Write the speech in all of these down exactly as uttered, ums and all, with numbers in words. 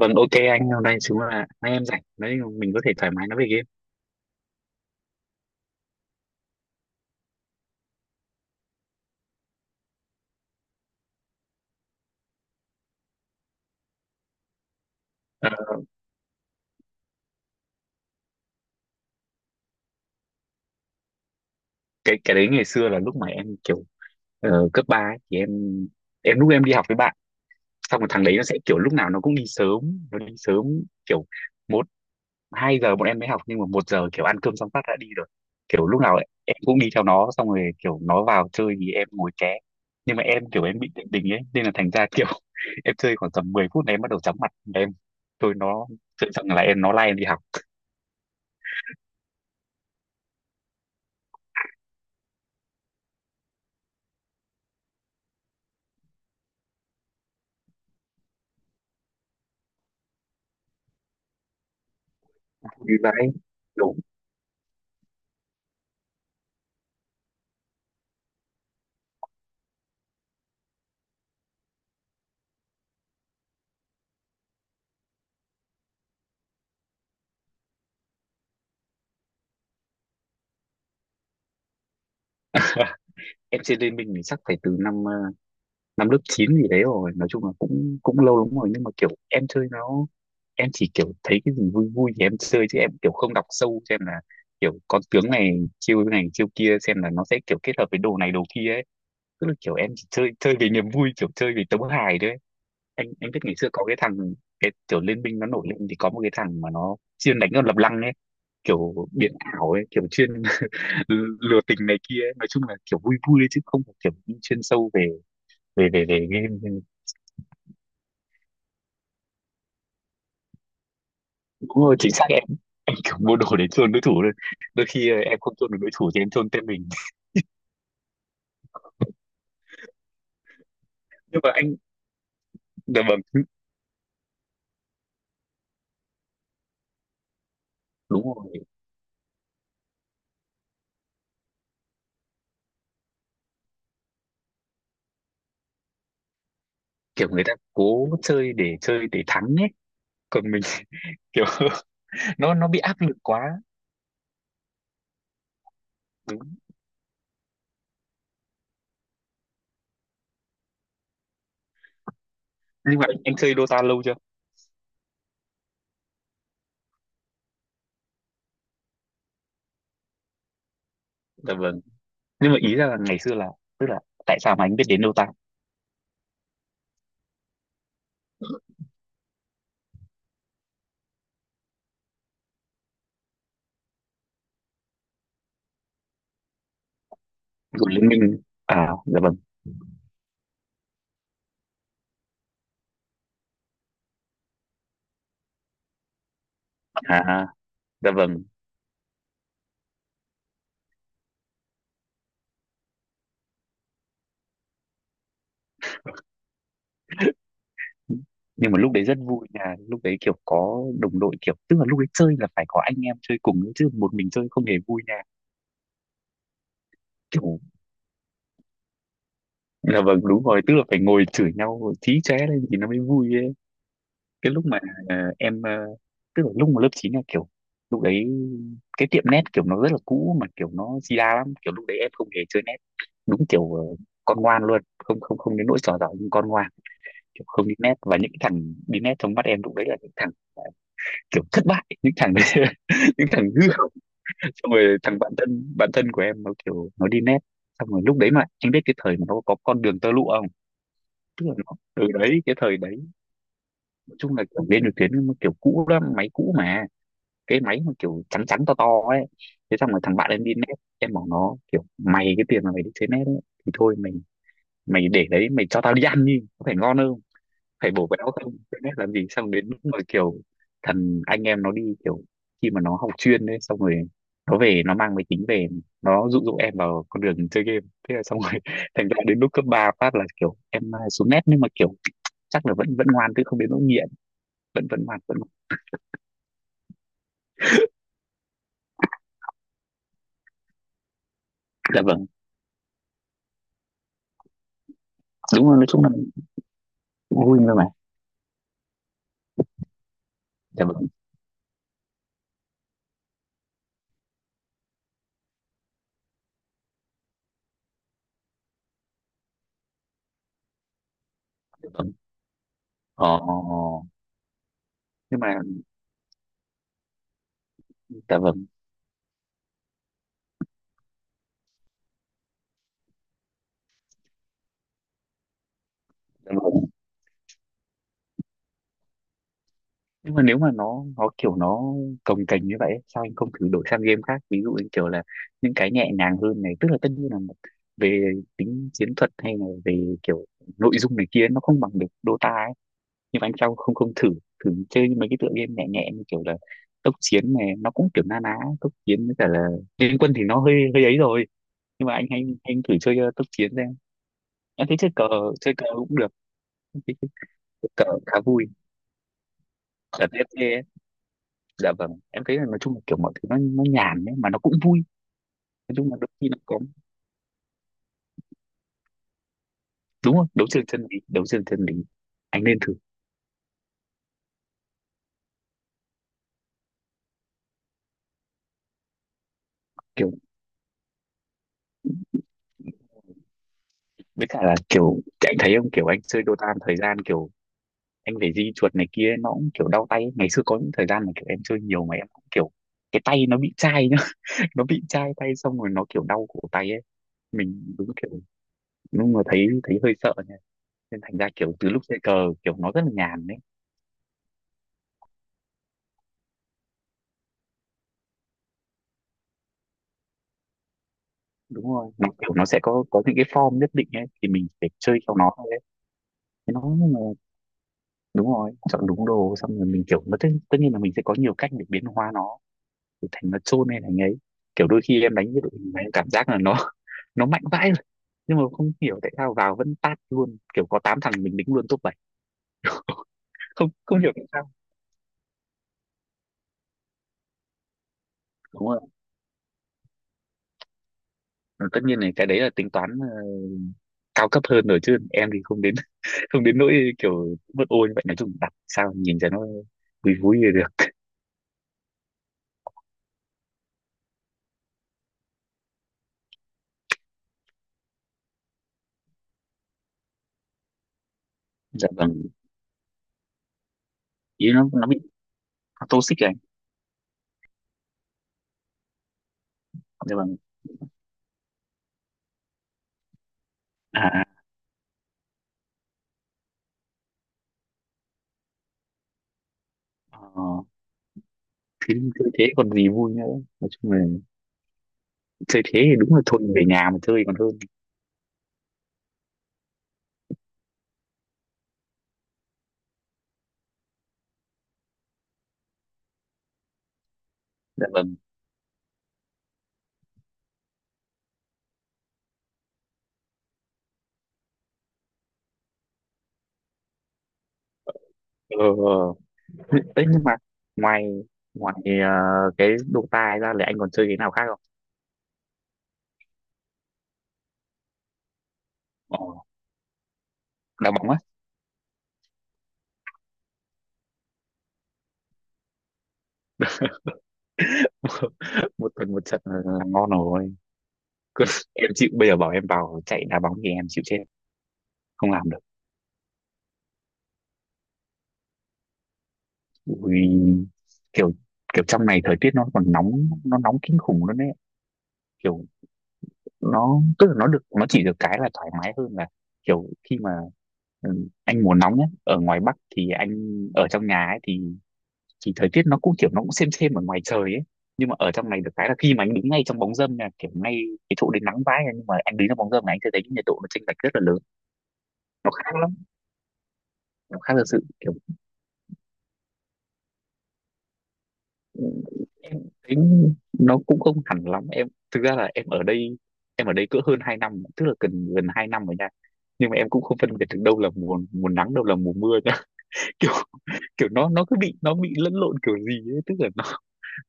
Vâng, ok anh, hôm nay chúng là nay em rảnh đấy, mình có thể thoải mái nói về game. Ờ, cái cái đấy ngày xưa là lúc mà em kiểu ờ, cấp ba ấy, thì em em lúc em đi học với bạn, xong rồi thằng đấy nó sẽ kiểu lúc nào nó cũng đi sớm, nó đi sớm kiểu một, hai giờ bọn em mới học nhưng mà một giờ kiểu ăn cơm xong phát đã đi rồi. Kiểu lúc nào em cũng đi theo nó, xong rồi kiểu nó vào chơi thì em ngồi ké. Nhưng mà em kiểu em bị định tình ấy, nên là thành ra kiểu em chơi khoảng tầm mười phút là em bắt đầu chóng mặt. Em tôi nó chơi xong là em nó lai em đi học. Vì vậy đủ em MC Lê Minh mình chắc phải từ năm ờ, năm lớp chín gì đấy rồi, nói chung là cũng cũng lâu lắm rồi, nhưng mà kiểu em chơi nó em chỉ kiểu thấy cái gì vui vui thì em chơi, chứ em kiểu không đọc sâu xem là kiểu con tướng này, chiêu này chiêu kia xem là nó sẽ kiểu kết hợp với đồ này đồ kia ấy. Tức là kiểu em chỉ chơi chơi vì niềm vui, kiểu chơi vì tấu hài đấy. Anh anh biết ngày xưa có cái thằng, cái kiểu Liên Minh nó nổi lên thì có một cái thằng mà nó chuyên đánh con lập lăng ấy, kiểu biến ảo ấy, kiểu chuyên l- lừa tình này kia ấy. Nói chung là kiểu vui vui ấy, chứ không phải kiểu đi chuyên sâu về về về về game. Đúng rồi, chính xác em em kiểu mua đồ để chôn đối thủ thôi. Đôi khi ờ, em không chôn được đối thủ thì em chôn tên mình. Nhưng mà anh, dạ vâng, đúng rồi, kiểu người ta cố chơi để chơi để thắng ấy, còn mình kiểu nó nó bị áp lực quá. Đúng. Nhưng mà anh, anh chơi Dota lâu chưa? Dạ vâng, nhưng mà ý ra là ngày xưa là, tức là tại sao mà anh biết đến Dota của Liên Minh? À dạ vâng, à dạ vâng, nhưng mà lúc đấy rất vui là lúc đấy kiểu có đồng đội, kiểu tức là lúc đấy chơi là phải có anh em chơi cùng ấy, chứ một mình chơi không hề vui nha. Kiểu là vâng đúng rồi, tức là phải ngồi chửi nhau chí chóe lên thì nó mới vui ấy. Cái lúc mà ờ, em ờ, tức là lúc mà lớp chín là kiểu lúc đấy cái tiệm net kiểu nó rất là cũ mà kiểu nó di đa lắm, kiểu lúc đấy em không hề chơi net. Đúng kiểu ờ, con ngoan luôn, không không không đến nỗi trò giỏi nhưng con ngoan, kiểu không đi net, và những cái thằng đi net trong mắt em lúc đấy là những thằng kiểu thất bại, những thằng đấy, những thằng hư hỏng. Xong rồi thằng bạn thân bạn thân của em nó kiểu nó đi nét, xong rồi lúc đấy mà anh biết cái thời mà nó có con đường tơ lụa không? Tức là nó từ đấy cái thời đấy nói chung là kiểu lên được tuyến nó kiểu cũ lắm, máy cũ mà, cái máy mà kiểu trắng trắng to to ấy. Thế xong rồi thằng bạn em đi nét, em bảo nó kiểu mày cái tiền mà mày đi chơi nét ấy thì thôi mày mày để đấy mày cho tao đi ăn đi có phải ngon không, phải bổ béo không, cái nét làm gì. Xong đến lúc mà kiểu thằng anh em nó đi kiểu khi mà nó học chuyên đấy, xong rồi nó về nó mang máy tính về, nó dụ dỗ em vào con đường chơi game. Thế là xong rồi thành ra đến lúc cấp ba phát là kiểu em à, xuống nét, nhưng mà kiểu chắc là vẫn vẫn ngoan chứ không đến nỗi nghiện, vẫn vẫn ngoan vẫn ngoan. Dạ vâng, đúng rồi, nói chung là cũng vui thôi mà. Dạ vâng, dạ vâng, ờ ờ, ờ. Nhưng mà dạ vâng, dạ vâng, nhưng mà nếu mà nó nó kiểu nó cồng kềnh như vậy ấy, sao anh không thử đổi sang game khác, ví dụ như kiểu là những cái nhẹ nhàng hơn này, tức là tất nhiên là một- về tính chiến thuật hay là về kiểu nội dung này kia nó không bằng được Dota ấy, nhưng mà anh sao không không thử, thử chơi mấy cái tựa game nhẹ nhẹ như kiểu là tốc chiến này, nó cũng kiểu na ná tốc chiến, với cả là liên quân thì nó hơi hơi ấy rồi. Nhưng mà anh, hay anh thử chơi uh, tốc chiến xem. Anh thấy chơi cờ, chơi cờ cũng được. Anh chơi cờ khá vui ở tê ép tê. Dạ vâng, em thấy là nói chung là kiểu mọi thứ nó nó nhàn ấy mà nó cũng vui. Nói chung là đôi khi nó có đúng rồi, đấu trường chân lý, đấu trường chân lý, anh nên thử. Kiểu với cả là kiểu anh thấy không, kiểu anh chơi Dota một thời gian kiểu anh phải di chuột này kia nó cũng kiểu đau tay ấy. Ngày xưa có những thời gian mà kiểu em chơi nhiều mà em cũng kiểu cái tay nó bị chai nhá, nó bị chai tay xong rồi nó kiểu đau cổ tay ấy. Mình đúng kiểu đúng là thấy thấy hơi sợ nha, nên thành ra kiểu từ lúc chơi cờ kiểu nó rất là nhàn đấy. Đúng rồi nó kiểu nó sẽ có có những cái form nhất định ấy thì mình phải chơi theo nó thôi. Thế nó là đúng rồi, chọn đúng đồ, xong rồi mình kiểu nó tất, tất nhiên là mình sẽ có nhiều cách để biến hóa nó, để thành nó chôn hay là ấy. Kiểu đôi khi em đánh cái đội hình mà em cảm giác là nó nó mạnh vãi rồi, nhưng mà không hiểu tại sao vào vẫn tát luôn, kiểu có tám thằng mình đính luôn top bảy. Không không hiểu tại sao, đúng rồi, tất nhiên là cái đấy là tính toán ờ, cao cấp hơn rồi, chứ em thì không đến, không đến nỗi kiểu mất ô như vậy. Nói chung đặt sao nhìn cho nó vui vui thì được. Dạ vâng, ý nó nó bị nó toxic rồi anh. Dạ vâng, à à. Ờ, thế chơi thế còn gì vui nữa, nói chung là chơi thế thì đúng là thôi về nhà mà chơi còn hơn. Dạ vâng, ờ đấy, nhưng mà ngoài, ngoài ờ, cái Dota ra là anh còn chơi cái nào khác không? Ồ, đá bóng á, một tuần một trận là là ngon rồi. Cứ- em chịu, bây giờ bảo em vào chạy đá bóng thì em chịu chết, không làm được. Ui, kiểu kiểu trong này thời tiết nó còn nóng, nó nóng kinh khủng luôn đấy. Kiểu nó tức là nó được nó chỉ được cái là thoải mái hơn là kiểu khi mà ừ, anh mùa nóng nhé, ở ngoài Bắc thì anh ở trong nhà ấy thì thì thời tiết nó cũng kiểu nó cũng xem xem ở ngoài trời ấy, nhưng mà ở trong này được cái là khi mà anh đứng ngay trong bóng râm nha, kiểu ngay cái chỗ đến nắng vãi nha, nhưng mà anh đứng trong bóng râm này anh sẽ thấy cái nhiệt độ nó chênh lệch rất là lớn. Nó khác lắm, nó khác thật sự kiểu ừ, em thấy nó cũng không hẳn lắm. Em thực ra là em ở đây, em ở đây cỡ hơn hai năm, tức là gần gần hai năm rồi nha, nhưng mà em cũng không phân biệt được đâu là mùa mùa nắng đâu là mùa mưa. Kiểu kiểu nó nó cứ bị nó bị lẫn lộn kiểu gì ấy, tức là nó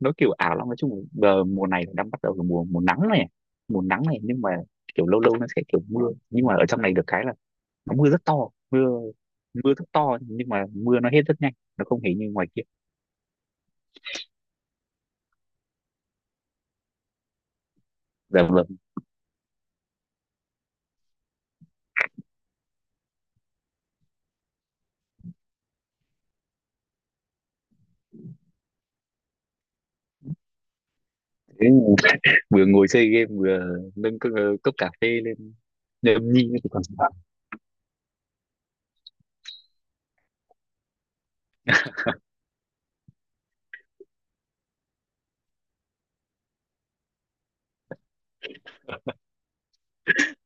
nó kiểu ảo lắm. Nói chung là giờ mùa này đang bắt đầu là mùa mùa nắng này, mùa nắng này, nhưng mà kiểu lâu lâu nó sẽ kiểu mưa. Nhưng mà ở trong này được cái là nó mưa rất to, mưa mưa rất to, nhưng mà mưa nó hết rất nhanh, nó không hề như ngoài kia. Dạ vâng. Thế vừa ngồi chơi game vừa nâng cốc, cốc cà phê lên nhâm nhi thì còn sao.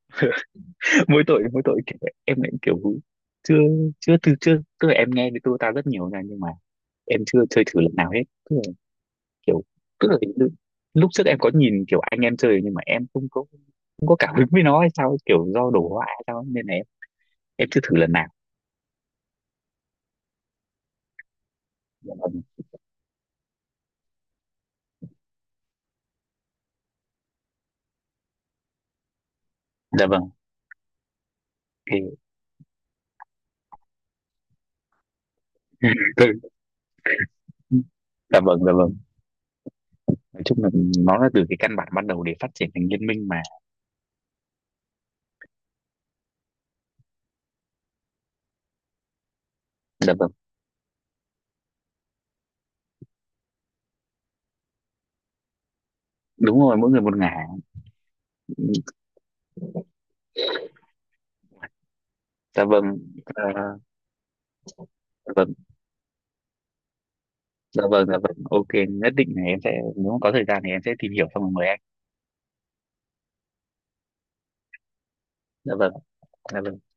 Mỗi tội mỗi tội kiểu em lại kiểu chưa, chưa từ chưa tức là em nghe thì tôi ta rất nhiều nha nhưng mà em chưa chơi thử lần nào hết. Tức là kiểu tức là lúc trước em có nhìn kiểu anh em chơi nhưng mà em không có không có cảm hứng với nó hay sao ấy, kiểu do đổ họa hay sao ấy, nên là em em chưa thử lần nào. Dạ vâng, dạ vâng, thì dạ vâng dạ vâng. Nói chung là nó là từ cái căn bản ban đầu để phát triển thành liên minh mà. Dạ vâng, đúng rồi, mỗi người một ngả. Dạ vâng, Ờ, dạ vâng, dạ vâng, dạ vâng, ok, nhất định là em sẽ, nếu mà có thời gian thì em sẽ tìm hiểu xong rồi mời anh. Dạ vâng, dạ vâng.